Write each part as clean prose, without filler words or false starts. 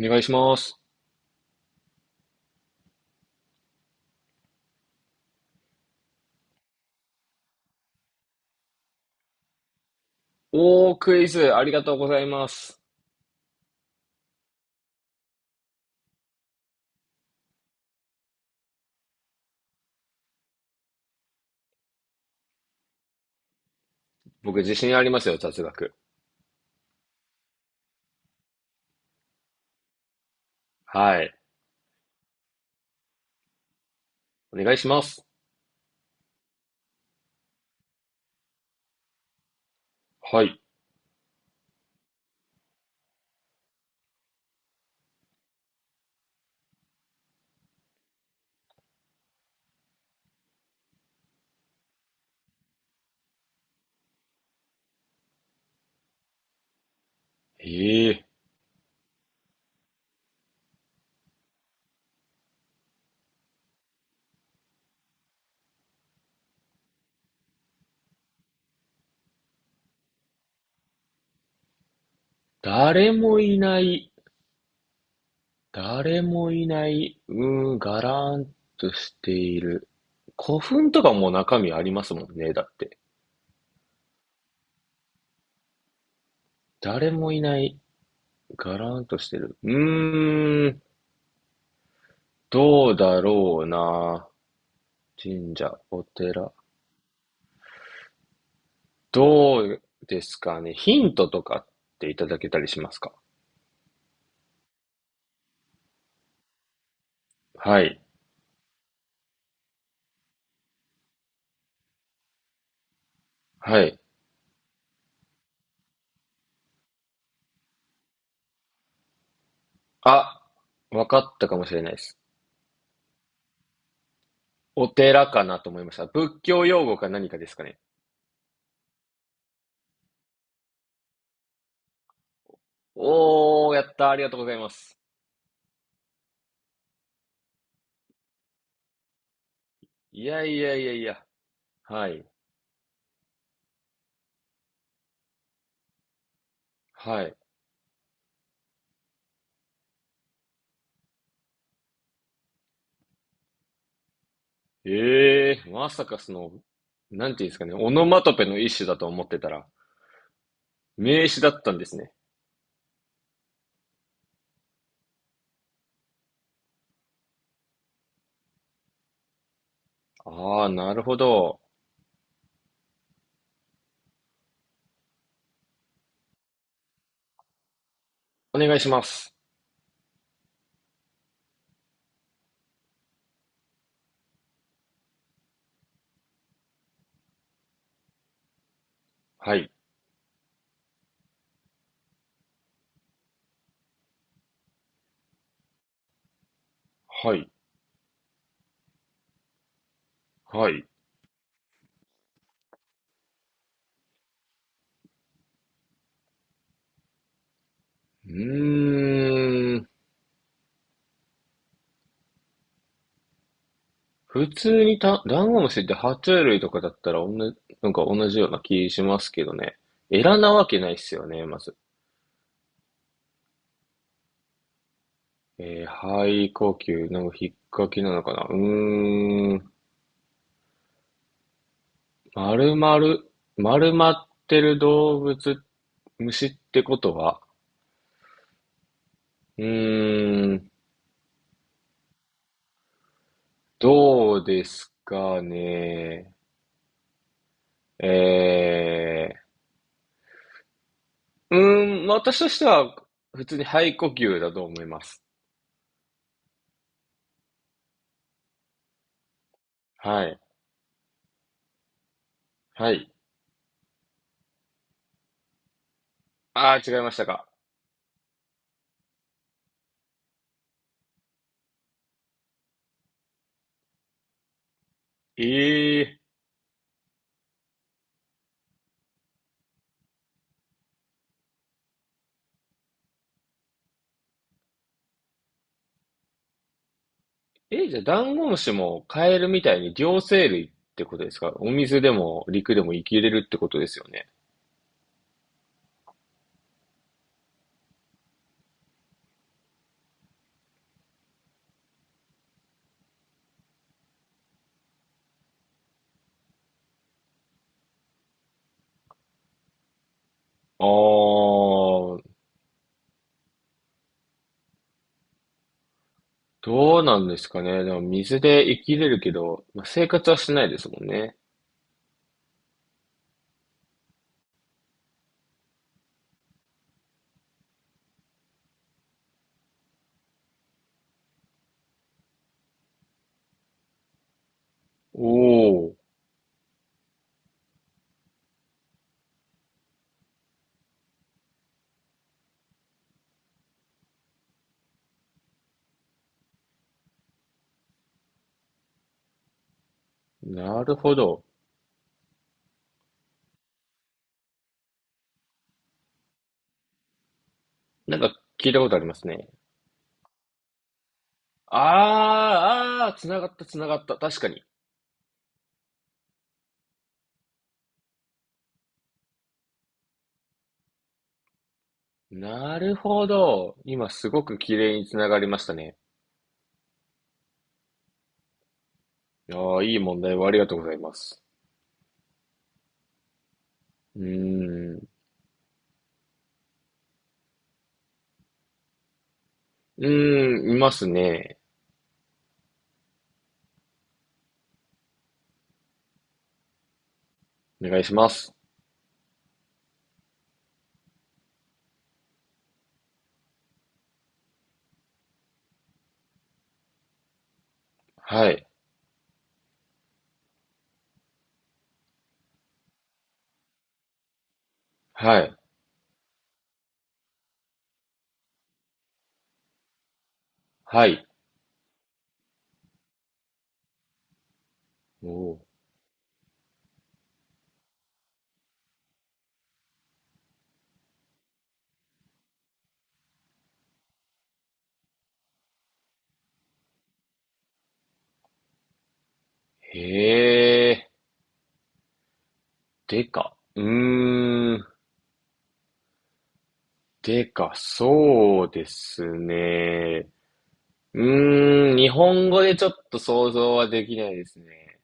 お願いします。クイズ、ありがとうございます。僕、自信ありますよ、雑学。はい。お願いします。はい。ええー誰もいない、ガラーンとしている。古墳とかも中身ありますもんね、だって。誰もいない、ガラーンとしてる。どうだろうな。神社、お寺。どうですかね。ヒントとかっていただけたりしますか？はい。はい。あ、わかったかもしれないです。お寺かなと思いました。仏教用語か何かですかね。やった。ありがとうございます。いやいやいやいや。はい。はい。ええー、まさかなんていうんですかね、オノマトペの一種だと思ってたら、名詞だったんですね。あー、なるほど。お願いします。はい。はい。はい。うーん。普通にダンゴムシって爬虫類とかだったら、おんな、なんか同じような気しますけどね。エラなわけないっすよね、まず。えー、肺呼吸、なんか引っかきなのかな。うーん。丸々、丸まってる動物、虫ってことは、うーん、どうですかね。え私としては、普通に肺呼吸だと思います。はい。はい。あー違いましたか。えええ、じゃあ、ダンゴムシもカエルみたいに両生類ってことですか？お水でも陸でも生きれるってことですよね。あー、どうなんですかね。でも水で生きれるけど、まあ、生活はしないですもんね。おー、なるほど。なんか聞いたことありますね。あー、あー、つながったつながった。確かに。なるほど。今すごく綺麗につながりましたね。あー、いい問題をありがとうございます。うーん。うーん、いますね。お願いします。はい。はい。はい。おー。へえ。でか。うーん。でかそうですね。うーん。日本語でちょっと想像はできないですね。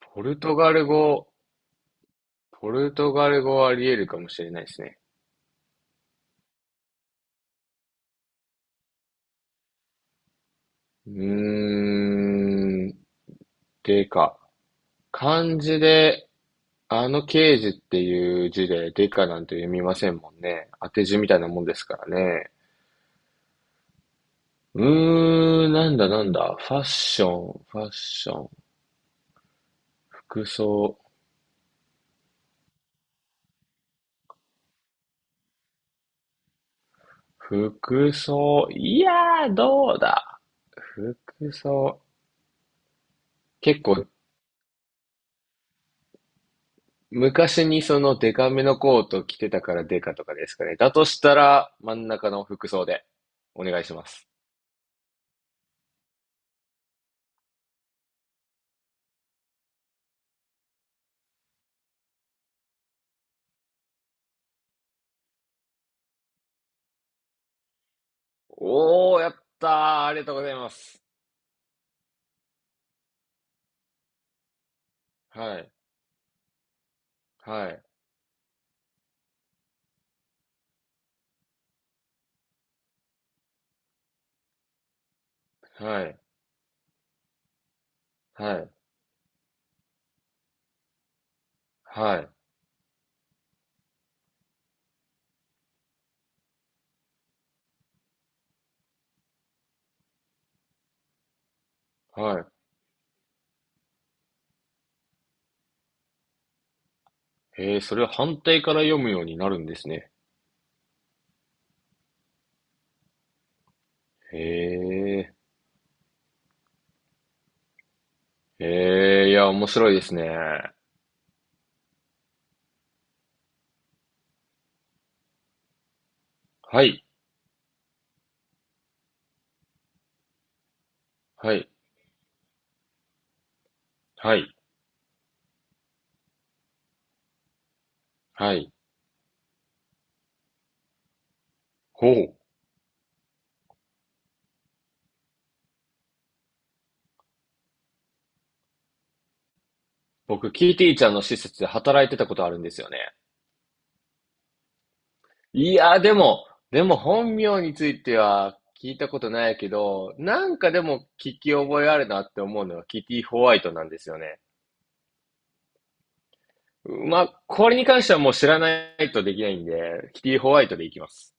ポルトガル語。ポルトガル語はあり得るかもしれないですね。うーん。でか漢字で刑事っていう字でデカなんて読みませんもんね。当て字みたいなもんですからね。うなんだなんだ。ファッション、ファッション、服装、服装、どうだ。服装。結構、昔にそのデカめのコート着てたからデカとかですかね。だとしたら、真ん中の服装で、お願いします。おー、やったー。ありがとうございます。はい、はい、はい、はい、はい。はい。へえ、それは反対から読むようになるんですね。へえ、へえ、いや、面白いですね。はい、はい、はい、はい。ほう。僕、キーティーちゃんの施設で働いてたことあるんですよね。いや、でも、でも本名については聞いたことないけど、なんかでも聞き覚えあるなって思うのはキティ・ホワイトなんですよね。まあ、これに関してはもう知らないとできないんで、キティ・ホワイトでいきます。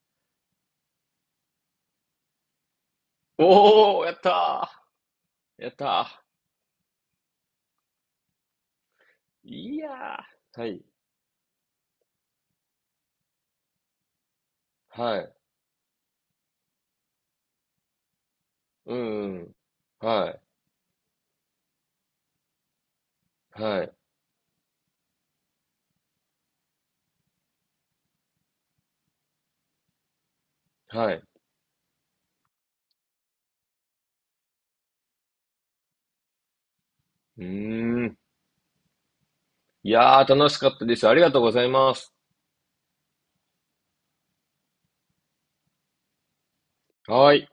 おー、やったー。やったー。いやー。はい。はい。うん、うん。はい。はい。はい。うーん。いやー、楽しかったです。ありがとうございます。はい。